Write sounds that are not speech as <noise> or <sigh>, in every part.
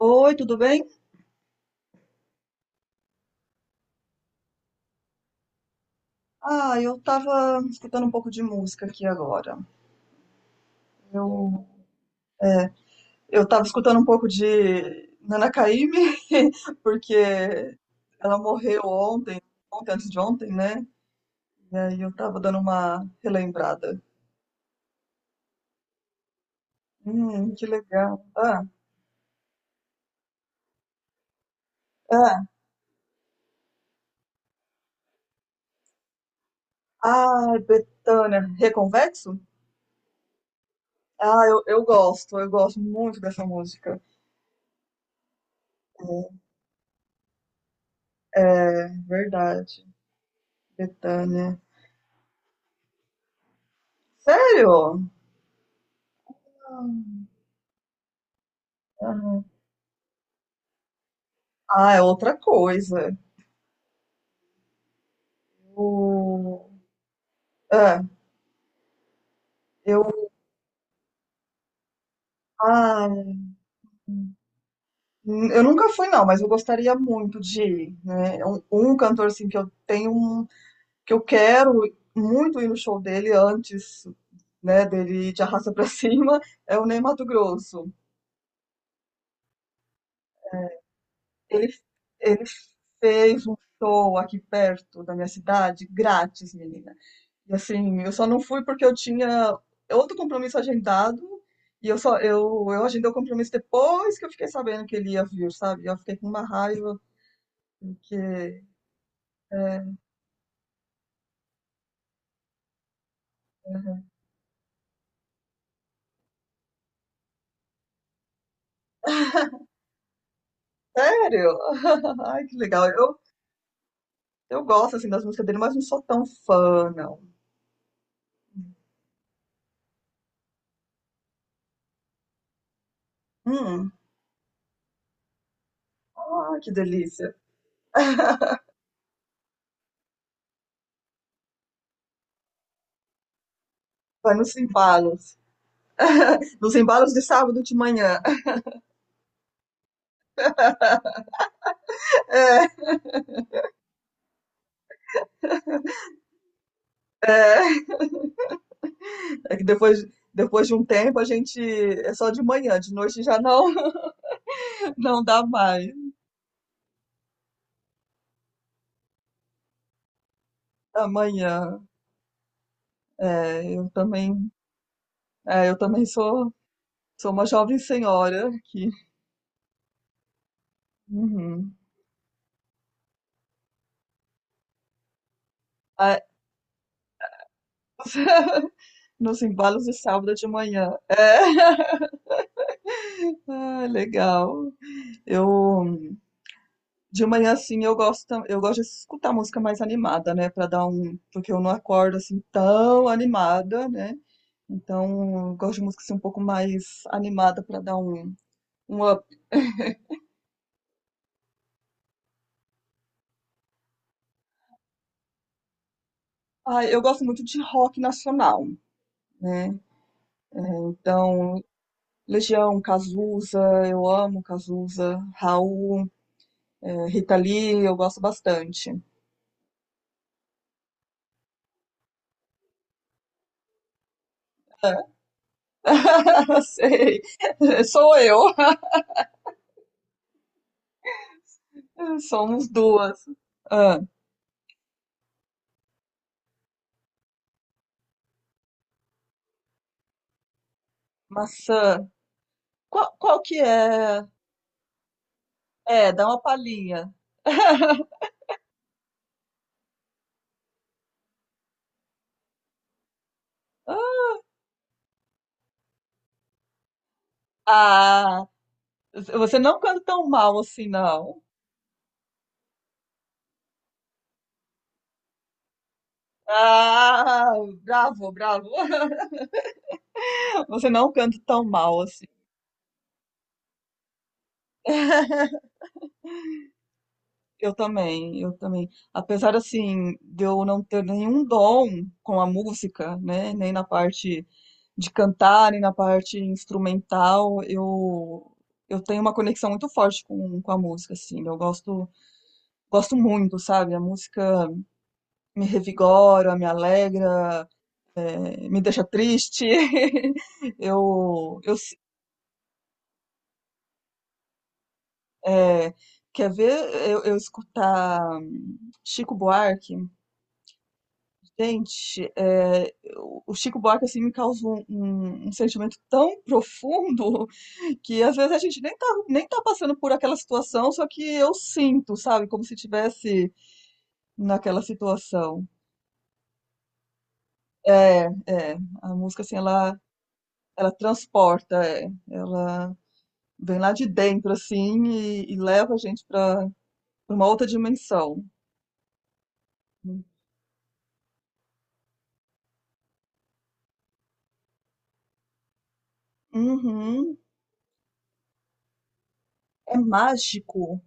Oi, tudo bem? Ah, eu tava escutando um pouco de música aqui agora. Eu, é, eu tava escutando um pouco de Nana Caymmi, <laughs> porque ela morreu ontem, ontem, antes de ontem, né? E aí eu tava dando uma relembrada. Que legal. Ah, ah, Bethânia, Reconvexo? Ah, eu gosto muito dessa música. É verdade, Bethânia. Sério? Ah, ah. Ah, é outra coisa. O... É, eu, ah, eu nunca fui não, mas eu gostaria muito de ir, né? É um cantor assim que eu tenho, que eu quero muito ir no show dele antes, né, dele ir de arrasta pra <laughs> cima, é o Ney Matogrosso. Ele, ele fez um show aqui perto da minha cidade, grátis, menina. E assim, eu só não fui porque eu tinha outro compromisso agendado e eu agendei o compromisso depois que eu fiquei sabendo que ele ia vir, sabe? Eu fiquei com uma raiva porque é, sério? <laughs> Ai, que legal. Eu gosto assim das músicas dele, mas não sou tão fã, não. Hum, ah, que delícia. Vai nos embalos. Nos embalos de sábado de manhã. <laughs> É que depois Depois de um tempo, a gente é só de manhã, de noite já não <laughs> não dá mais. Amanhã. É, eu também, é, eu também, sou uma jovem senhora aqui. Uhum. Ah, nos embalos de sábado de manhã. É. <laughs> Ah, legal. Eu De manhã assim eu gosto de escutar música mais animada, né, para dar um, porque eu não acordo assim tão animada, né? Então, eu gosto de música assim, um pouco mais animada para dar um up. Ah, eu gosto muito de rock nacional, né? Então, Legião, Cazuza, eu amo Cazuza, Raul, Rita Lee, eu gosto bastante. <laughs> Sei, sou eu. Somos duas. Ah, maçã. Qual que é? É, dá uma palhinha. Ah, ah, você não canta tão mal assim, não. Ah, bravo, bravo. <laughs> Você não canta tão mal assim. <laughs> Eu também, eu também. Apesar assim de eu não ter nenhum dom com a música, né, nem na parte de cantar, nem na parte instrumental, eu tenho uma conexão muito forte com a música, assim. Eu gosto muito, sabe? A música me revigora, me alegra, me deixa triste. <laughs> Eu eu s- é, quer ver eu escutar Chico Buarque. Gente, o Chico Buarque assim me causa um, um sentimento tão profundo <laughs> que às vezes a gente nem tá passando por aquela situação, só que eu sinto, sabe, como se tivesse naquela situação. É, a música assim ela transporta, ela vem lá de dentro assim e leva a gente para uma outra dimensão. Uhum, é mágico.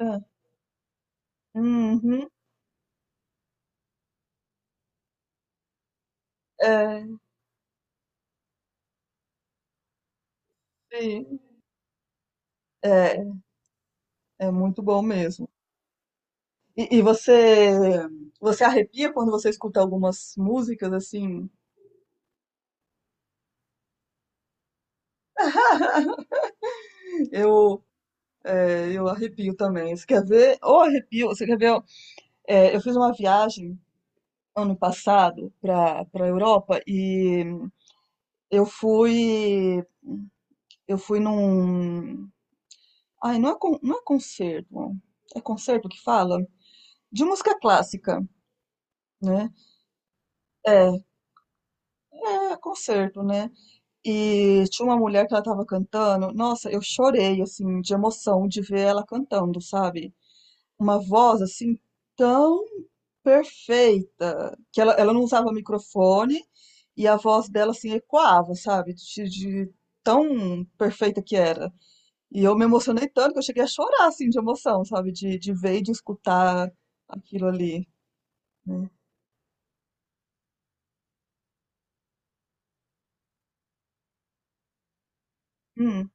É, uhum, é, sim. É, É, muito bom mesmo. E você arrepia quando você escuta algumas músicas assim? <laughs> Eu, eu arrepio também. Você quer ver? Ou arrepio, você quer ver? É, eu fiz uma viagem ano passado para Europa e eu fui eu fui num ai não é con- não é concerto, é concerto que fala de música clássica, né? É, é concerto, né? E tinha uma mulher que ela tava cantando. Nossa, eu chorei, assim, de emoção de ver ela cantando, sabe? Uma voz, assim, tão perfeita. Que ela não usava microfone e a voz dela, assim, ecoava, sabe? De tão perfeita que era. E eu me emocionei tanto que eu cheguei a chorar, assim, de emoção, sabe? De ver e de escutar aquilo ali, né? Hum,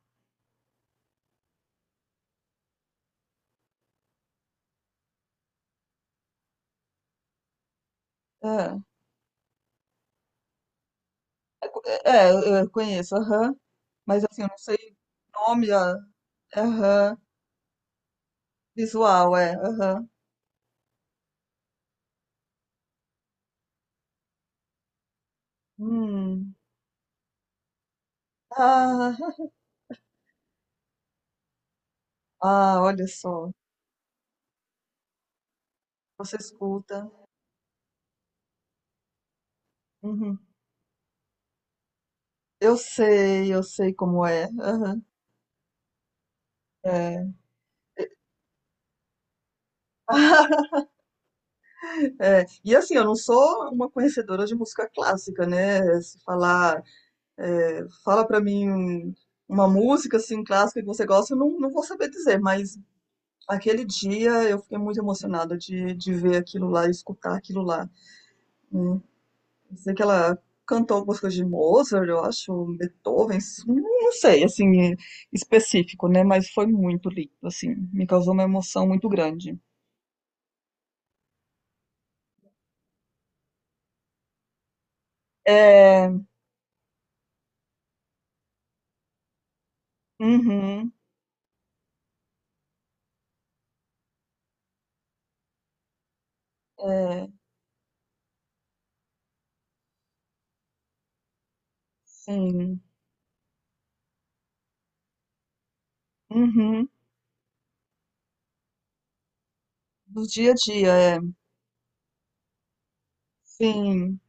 é. É, eu conheço, aham. Mas, assim, eu não sei o nome. Ah, aham. Visual, é. Aham. Hum. Ah, ah, olha só. Você escuta. Uhum. Eu sei como é. Aham. É. <laughs> É, e assim, eu não sou uma conhecedora de música clássica, né? Se falar, fala pra mim uma música assim clássica que você gosta, eu não, não vou saber dizer, mas aquele dia eu fiquei muito emocionada de ver aquilo lá, escutar aquilo lá. Sei que ela cantou algumas coisas de Mozart, eu acho, Beethoven, não sei, assim, específico, né? Mas foi muito lindo, assim, me causou uma emoção muito grande. É, uhum, é, sim, uhum, do dia a dia, é, sim,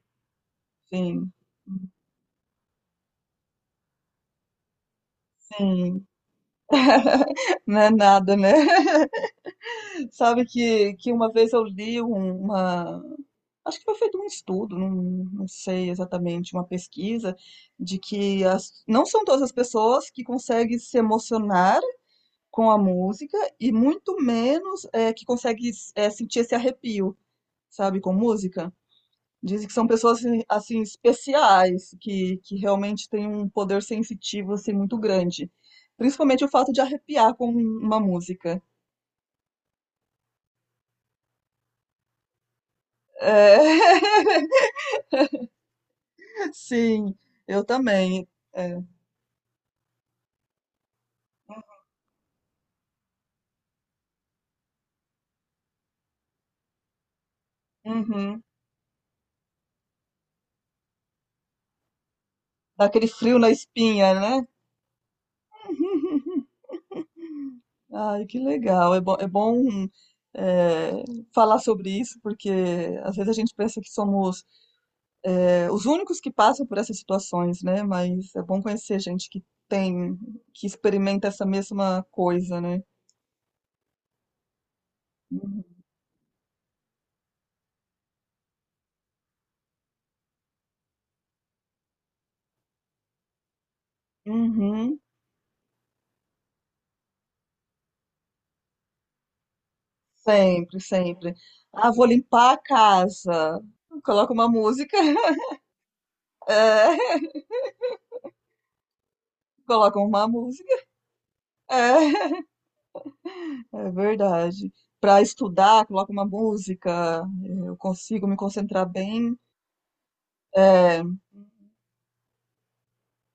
sim, sim, <laughs> não é nada, né? Sabe que uma vez eu li uma. Acho que foi feito um estudo, não, não sei exatamente, uma pesquisa, de que não são todas as pessoas que conseguem se emocionar com a música e muito menos que conseguem sentir esse arrepio, sabe, com música. Dizem que são pessoas assim, assim, especiais, que realmente têm um poder sensitivo assim, muito grande. Principalmente o fato de arrepiar com uma música. É, <laughs> <laughs> Sim, eu também. É. Uhum. Dá aquele frio na espinha, né? Ai, que legal. É bom, é, falar sobre isso, porque às vezes a gente pensa que somos os únicos que passam por essas situações, né? Mas é bom conhecer gente que tem, que experimenta essa mesma coisa, né? Uhum. Uhum. Sempre, sempre. Ah, vou limpar a casa. Coloca uma música. <laughs> É, coloca uma música. É. É verdade. Para estudar, coloco uma música, eu consigo me concentrar bem. É,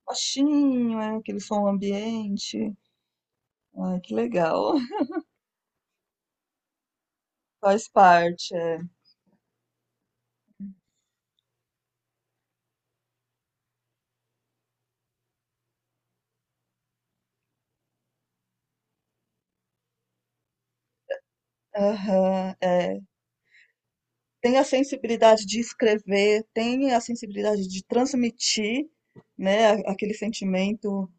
baixinho, aquele som ambiente. Ai, que legal. <laughs> Faz parte. É. Aham, é. Tem a sensibilidade de escrever, tem a sensibilidade de transmitir, né, aquele sentimento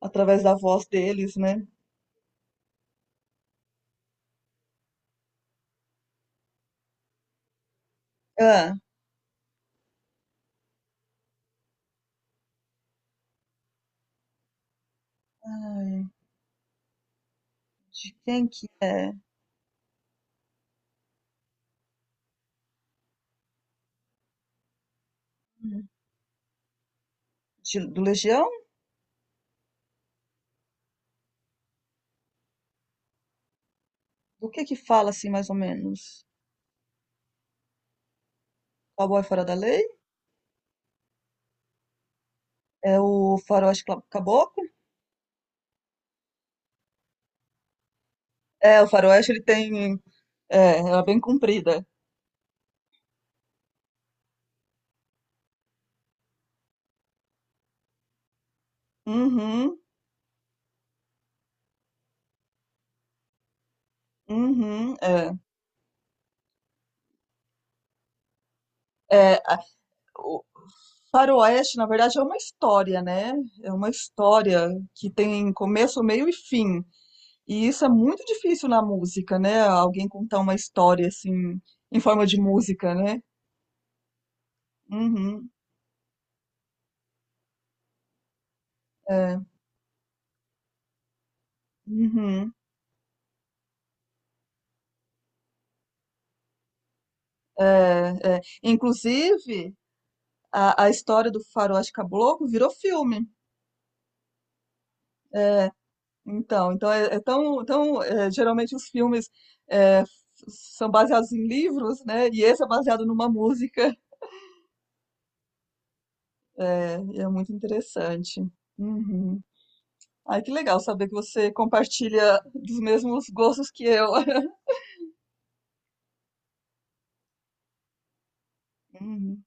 através da voz deles, né? Ah, ai, de quem que é? Do Legião? Do que fala assim, mais ou menos? Cowboy Fora da Lei? É o faroeste caboclo? É, o faroeste ele tem. É, ela é bem comprida. Uhum, uhum, é. É, o faroeste, na verdade, é uma história, né? É uma história que tem começo, meio e fim. E isso é muito difícil na música, né? Alguém contar uma história assim, em forma de música, né? Uhum, é, uhum, é, é. Inclusive, a história do faroeste caboclo virou filme. Então, geralmente os filmes é, f- são baseados em livros, né? E esse é baseado numa música. É, e é muito interessante. Uhum. Ai, que legal saber que você compartilha dos mesmos gostos que eu. <laughs> Uhum.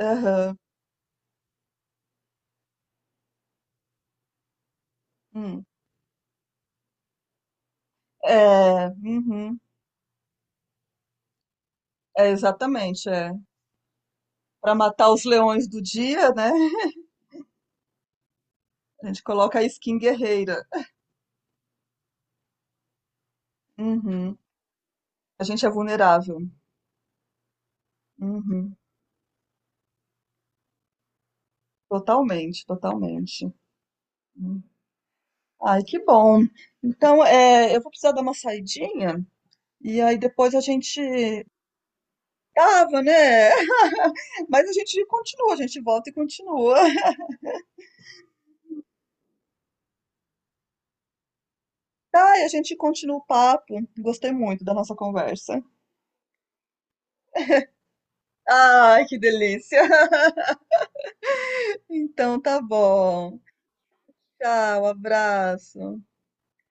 Aham. Hum. É, uhum. É, exatamente. É. Para matar os leões do dia, né? A gente coloca a skin guerreira. Uhum. A gente é vulnerável. Uhum. Totalmente, totalmente. Ai, que bom. Então, eu vou precisar dar uma saidinha e aí depois a gente tava, né? <laughs> Mas a gente continua, a gente volta e continua. <laughs> Tá, e a gente continua o papo. Gostei muito da nossa conversa. Ai, que delícia. <laughs> Então, tá bom. Tchau, abraço.